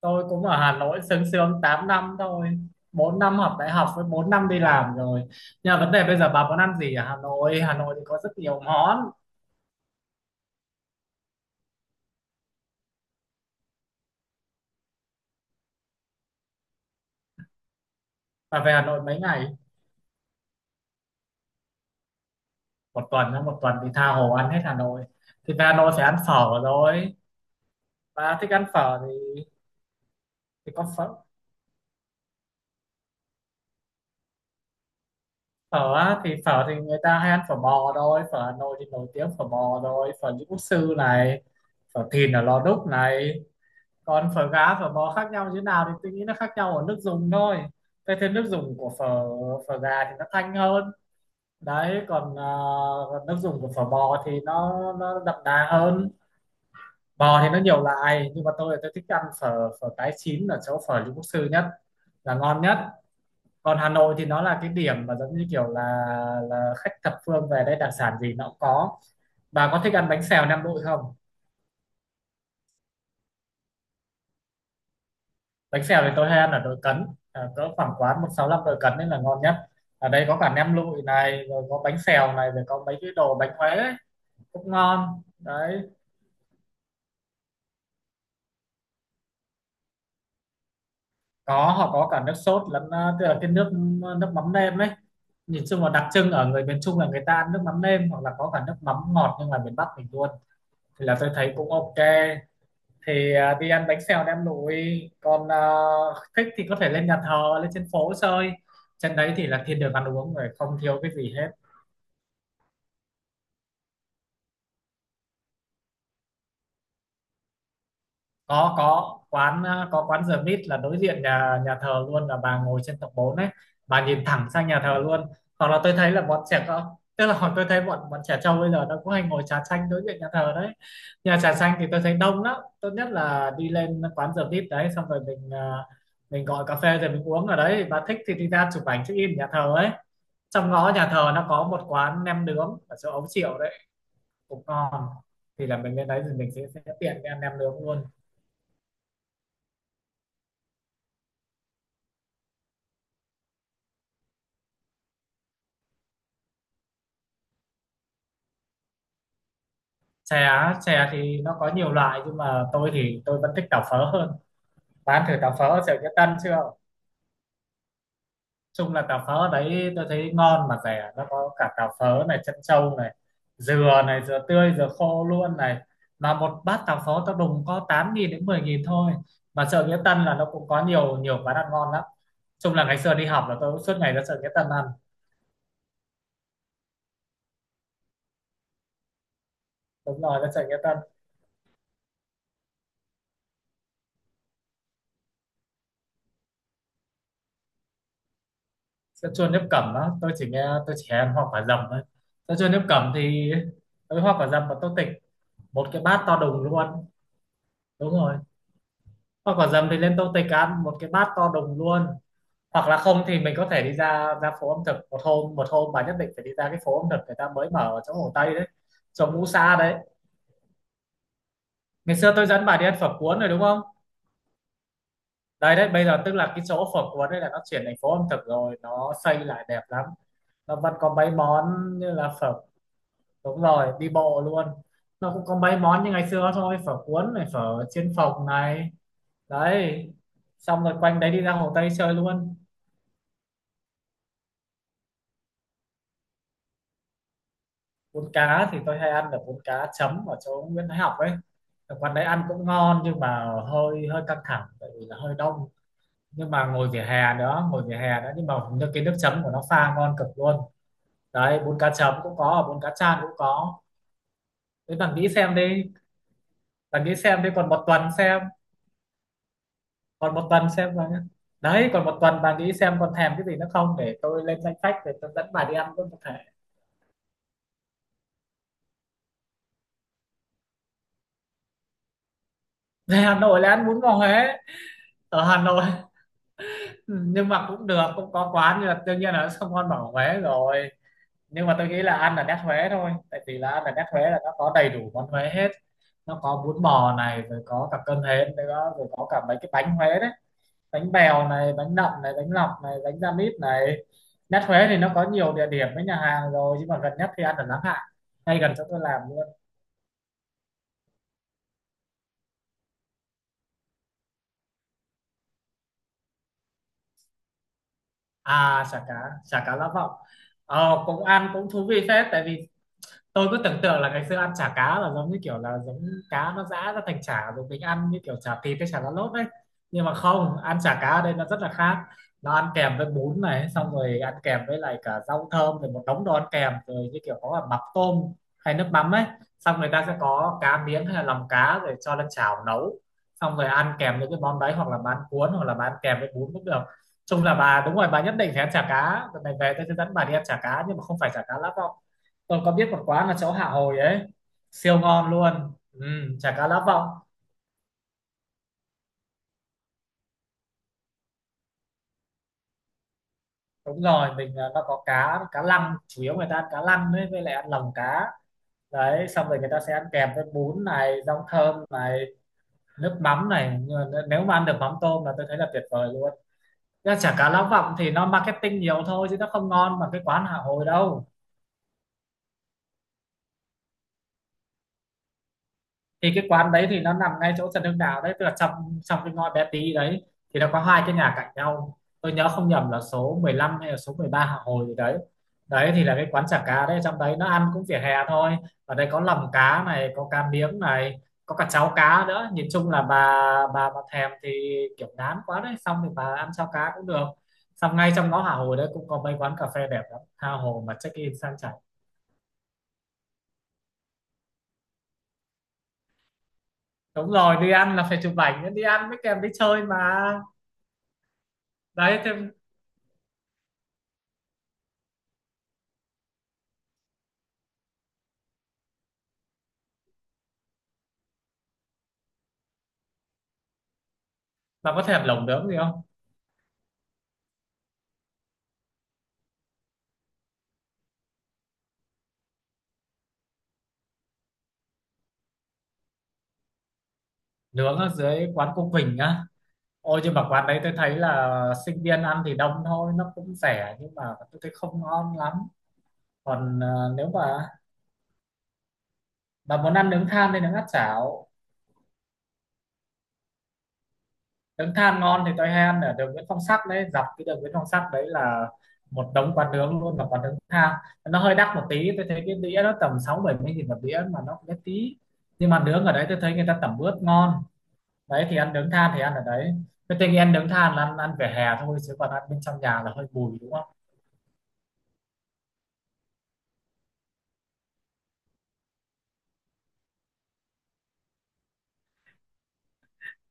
Tôi cũng ở Hà Nội sướng sướng 8 năm thôi, 4 năm học đại học với 4 năm đi làm rồi. Nhưng mà vấn đề bây giờ bà muốn ăn gì ở Hà Nội thì có rất nhiều món. Bà về Hà Nội mấy ngày? Một tuần á, một tuần thì tha hồ ăn hết Hà Nội, thì về Hà Nội phải ăn phở rồi. Bà thích ăn phở thì có phở. Phở á, thì phở thì người ta hay ăn phở bò thôi. Phở Hà Nội thì nổi tiếng phở bò rồi, phở những quốc sư này, phở thìn ở Lò Đúc này. Còn phở gá phở bò khác nhau như thế nào thì tôi nghĩ nó khác nhau ở nước dùng thôi, cái thêm nước dùng của phở. Phở gà thì nó thanh hơn, đấy, còn còn nước dùng của phở bò thì nó đậm đà hơn. Bò thì nó nhiều loại nhưng mà tôi thích ăn phở, cái chín ở chỗ phở Lý Quốc Sư nhất là ngon nhất. Còn Hà Nội thì nó là cái điểm mà giống như kiểu là khách thập phương về đây, đặc sản gì nó cũng có. Bà có thích ăn bánh xèo Nam Định không? Bánh xèo thì tôi hay ăn ở Đội Cấn, cỡ khoảng quán 165 Đội Cấn nên là ngon nhất. Ở đây có cả nem lụi này rồi có bánh xèo này rồi có mấy cái đồ bánh Huế ấy, cũng ngon đấy. Có, họ có cả nước sốt lẫn tức là cái nước, nước mắm nêm ấy. Nhìn chung là đặc trưng ở người miền Trung là người ta ăn nước mắm nêm hoặc là có cả nước mắm ngọt nhưng mà miền Bắc mình luôn, thì là tôi thấy cũng ok, thì đi ăn bánh xèo nem lụi. Còn thích thì có thể lên nhà thờ lên trên phố chơi, trên đấy thì là thiên đường ăn uống rồi, không thiếu cái gì hết. Có, có quán The Meat là đối diện nhà nhà thờ luôn, là bà ngồi trên tầng 4 ấy, bà nhìn thẳng sang nhà thờ luôn. Hoặc là tôi thấy là bọn trẻ con, tức là hồi tôi thấy bọn bọn trẻ trâu bây giờ nó cũng hay ngồi trà xanh đối diện nhà thờ đấy. Nhà trà xanh thì tôi thấy đông lắm. Tốt nhất là đi lên quán The Meat đấy, xong rồi mình mình gọi cà phê rồi mình uống ở đấy. Bà thích thì đi ra chụp ảnh check in nhà thờ ấy. Trong ngõ nhà thờ nó có một quán nem nướng ở chỗ Ấu Triệu đấy, cũng ngon. Thì là mình lên đấy thì mình sẽ tiện cái ăn nem nướng luôn. Chè á, chè thì nó có nhiều loại nhưng mà tôi thì tôi vẫn thích tàu phớ hơn. Bán thử tàu phớ ở chợ Nghĩa Tân chưa? Chung là tàu phớ ở đấy tôi thấy ngon mà rẻ, nó có cả tàu phớ này chân trâu này, dừa này, dừa tươi dừa khô luôn này. Mà một bát tàu phớ tao đùng có 8.000 đến 10.000 thôi. Mà chợ Nghĩa Tân là nó cũng có nhiều nhiều quán ăn ngon lắm. Chung là ngày xưa đi học là tôi cũng suốt ngày ra chợ Nghĩa Tân ăn. Đúng rồi, ra chợ Nghĩa Tân. Sân chua nếp cẩm đó, tôi chỉ nghe, tôi chỉ ăn hoa quả dầm thôi. Sân chua nếp cẩm thì với hoa quả dầm và tô tịch, một cái bát to đùng luôn. Đúng rồi, hoa quả dầm thì lên tô tịch ăn một cái bát to đùng luôn. Hoặc là không thì mình có thể đi ra ra phố ẩm thực. Một hôm, một hôm bà nhất định phải đi ra cái phố ẩm thực người ta mới mở ở chỗ Hồ Tây đấy, chỗ Ngũ Sa đấy. Ngày xưa tôi dẫn bà đi ăn phở cuốn rồi đúng không? Đấy đấy, bây giờ tức là cái chỗ phở cuốn đấy là nó chuyển thành phố ẩm thực rồi, nó xây lại đẹp lắm. Nó vẫn có mấy món như là phở. Đúng rồi, đi bộ luôn. Nó cũng có mấy món như ngày xưa thôi, phở cuốn này, phở chiên phồng này. Đấy, xong rồi quanh đấy đi ra Hồ Tây chơi luôn. Bún cá thì tôi hay ăn được bún cá chấm ở chỗ Nguyễn Thái Học ấy. Ở quán đấy ăn cũng ngon nhưng mà hơi hơi căng thẳng tại vì là hơi đông. Nhưng mà ngồi vỉa hè đó, ngồi vỉa hè đó, nhưng mà nước, cái nước chấm của nó pha ngon cực luôn. Đấy, bún cá chấm cũng có, bún cá chan cũng có. Đấy, bạn nghĩ xem đi, bạn nghĩ xem đi, còn một tuần xem, còn một tuần xem là. Đấy, còn một tuần bà nghĩ xem còn thèm cái gì nữa không để tôi lên danh sách để tôi dẫn bà đi ăn luôn có thể. Về Hà Nội là ăn bún bò Huế ở Hà Nội. Nhưng mà cũng được, cũng có quán nhưng mà đương nhiên là nó không ngon bằng ở Huế rồi. Nhưng mà tôi nghĩ là ăn ở nét Huế thôi, tại vì là ăn ở nét Huế là nó có đầy đủ món Huế hết. Nó có bún bò này rồi có cả cơm hến nữa rồi có cả mấy cái bánh Huế đấy, bánh bèo này, bánh nậm này, bánh lọc này, bánh da mít này. Nhất Huế thì nó có nhiều địa điểm với nhà hàng rồi nhưng mà gần nhất thì ăn ở Láng Hạ, ngay gần chỗ tôi làm luôn. Chả cá, chả cá Lã Vọng. Cũng ăn cũng thú vị phết, tại vì tôi cứ tưởng tượng là ngày xưa ăn chả cá là giống như kiểu là giống, cá nó giã ra thành chả rồi mình ăn như kiểu chả thịt hay chả lá lốt đấy. Nhưng mà không, ăn chả cá ở đây nó rất là khác. Nó ăn kèm với bún này, xong rồi ăn kèm với lại cả rau thơm rồi một đống đồ ăn kèm rồi, như kiểu có cả mắm tôm hay nước mắm ấy. Xong người ta sẽ có cá miếng hay là lòng cá rồi cho lên chảo nấu, xong rồi ăn kèm với cái món đấy hoặc là bán cuốn hoặc là bán kèm với bún cũng được. Chung là bà, đúng rồi, bà nhất định phải ăn chả cá lần này về, tôi sẽ dẫn bà đi ăn chả cá nhưng mà không phải chả cá lóc. Tôi có biết một quán là chỗ Hạ Hồi ấy, siêu ngon luôn, ừ. Chả cá lã vọng. Đúng rồi, mình nó có cá cá lăng, chủ yếu người ta ăn cá lăng ấy, với lại ăn lòng cá. Đấy, xong rồi người ta sẽ ăn kèm với bún này, rau thơm này, nước mắm này, nhưng mà nếu mà ăn được mắm tôm là tôi thấy là tuyệt vời luôn. Ra chả cá lã vọng thì nó marketing nhiều thôi chứ nó không ngon bằng cái quán Hạ Hồi đâu. Thì cái quán đấy thì nó nằm ngay chỗ Trần Hưng Đạo đấy, tức là trong trong cái ngõ bé tí đấy. Thì nó có hai cái nhà cạnh nhau, tôi nhớ không nhầm là số 15 hay là số 13 Hạ Hồi gì đấy. Đấy thì là cái quán chả cá đấy, trong đấy nó ăn cũng vỉa hè thôi. Ở đây có lòng cá này, có cá miếng này, có cả cháo cá nữa. Nhìn chung là bà thèm thì kiểu ngán quá đấy, xong thì bà ăn cháo cá cũng được. Xong ngay trong ngõ Hạ Hồi đấy cũng có mấy quán cà phê đẹp lắm, Hạ Hồi mà check in sang chảnh. Đúng rồi, đi ăn là phải chụp ảnh, đi ăn mới kèm đi chơi mà. Đấy thế. Bà có thèm lẩu nướng gì không? Nướng ở dưới quán cô Quỳnh á. Ôi nhưng mà quán đấy tôi thấy là sinh viên ăn thì đông thôi, nó cũng rẻ nhưng mà tôi thấy không ngon lắm. Còn nếu mà bà muốn ăn nướng than thì nướng áp chảo. Nướng than ngon thì tôi hay ăn ở đường Nguyễn Phong Sắc đấy, dọc cái đường Nguyễn Phong Sắc đấy là một đống quán nướng luôn, là quán nướng than. Nó hơi đắt một tí, tôi thấy cái đĩa nó tầm sáu bảy 70 nghìn một đĩa mà nó cũng bé tí. Nhưng mà nướng ở đấy tôi thấy người ta tẩm ướp ngon. Đấy thì ăn nướng than thì ăn ở đấy. Cái tình ăn nướng than là ăn ăn vỉa hè thôi, chứ còn ăn bên trong nhà là hơi mùi, đúng không?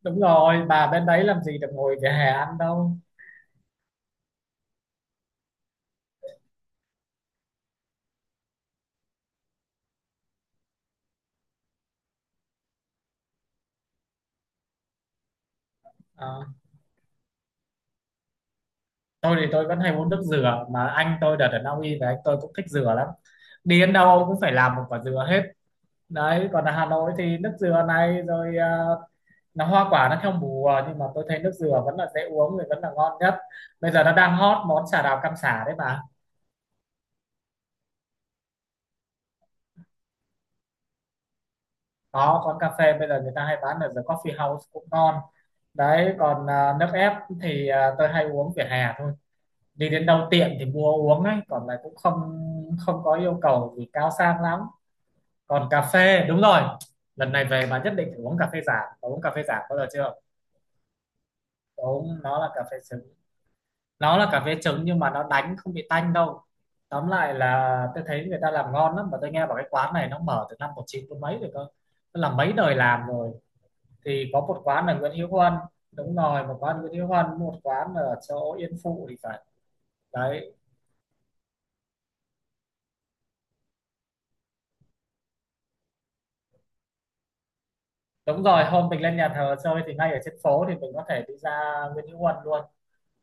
Đúng rồi, bà bên đấy làm gì được ngồi vỉa hè ăn đâu. Ờ, tôi vẫn hay uống nước dừa, mà anh tôi đợt ở Na Uy về anh tôi cũng thích dừa lắm, đi đến đâu ông cũng phải làm một quả dừa hết. Đấy, còn ở Hà Nội thì nước dừa này rồi, nó hoa quả nó theo mùa, nhưng mà tôi thấy nước dừa vẫn là dễ uống, thì vẫn là ngon nhất. Bây giờ nó đang hot món trà đào cam sả đấy bà. Có cà phê, bây giờ người ta hay bán ở The Coffee House cũng ngon. Đấy còn nước ép thì tôi hay uống vỉa hè thôi, đi đến đâu tiện thì mua uống ấy, còn lại cũng không không có yêu cầu gì cao sang lắm. Còn cà phê đúng rồi, lần này về bà nhất định phải uống cà phê giả. Bà uống cà phê giả bao giờ chưa? Bà uống nó là cà phê trứng, nó là cà phê trứng nhưng mà nó đánh không bị tanh đâu. Tóm lại là tôi thấy người ta làm ngon lắm, mà tôi nghe bảo cái quán này nó mở từ năm 19 chín mấy rồi cơ, nó làm mấy đời làm rồi. Thì có một quán ở Nguyễn Hữu Huân. Đúng rồi, một quán Nguyễn Hữu Huân, một quán ở chỗ Yên Phụ thì phải. Đấy. Đúng rồi, hôm mình lên nhà thờ chơi thì ngay ở trên phố thì mình có thể đi ra Nguyễn Hữu Huân luôn.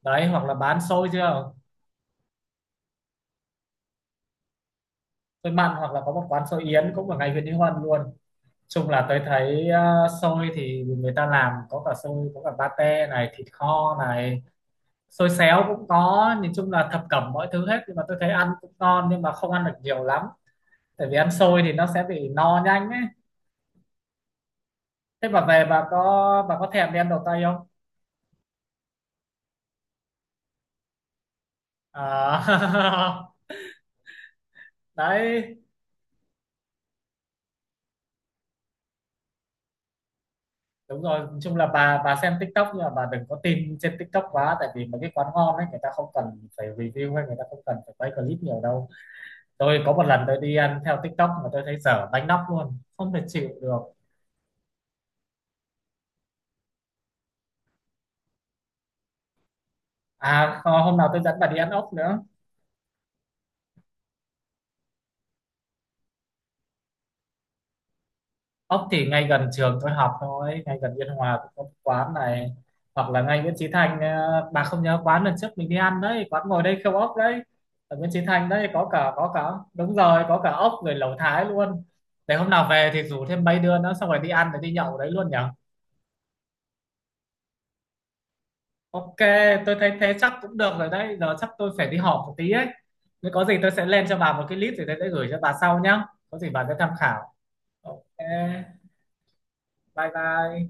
Đấy, hoặc là bán xôi chưa. Xôi mặn, hoặc là có một quán xôi Yến cũng ở ngay Nguyễn Hữu Huân luôn. Chung là tôi thấy xôi thì người ta làm có cả xôi, có cả pate này, thịt kho này, xôi xéo cũng có, nhìn chung là thập cẩm mọi thứ hết, nhưng mà tôi thấy ăn cũng ngon nhưng mà không ăn được nhiều lắm, tại vì ăn xôi thì nó sẽ bị no nhanh ấy. Thế bà về bà có thèm đi ăn đầu tay không? À, đấy, đúng rồi, nói chung là bà xem TikTok nhưng mà bà đừng có tin trên TikTok quá, tại vì mấy cái quán ngon ấy người ta không cần phải review, hay người ta không cần phải quay clip nhiều đâu. Tôi có một lần tôi đi ăn theo TikTok mà tôi thấy dở bánh nóc luôn, không thể chịu được. À hôm nào tôi dẫn bà đi ăn ốc nữa. Ốc thì ngay gần trường tôi học thôi, ngay gần Biên Hòa cũng có một quán này, hoặc là ngay Nguyễn Chí Thanh. Ờ, bà không nhớ quán lần trước mình đi ăn đấy, quán ngồi đây khêu ốc đấy. Ở Nguyễn Chí Thanh đấy có cả, có cả đúng rồi, có cả ốc rồi lẩu Thái luôn. Để hôm nào về thì rủ thêm mấy đứa nữa, xong rồi đi ăn rồi đi nhậu ở đấy luôn nhỉ. Ok. Tôi thấy thế chắc cũng được rồi, đấy giờ chắc tôi phải đi họp một tí ấy. Nếu có gì tôi sẽ lên cho bà một cái list rồi tôi sẽ gửi cho bà sau nhá, có gì bà sẽ tham khảo. Ok. Bye bye.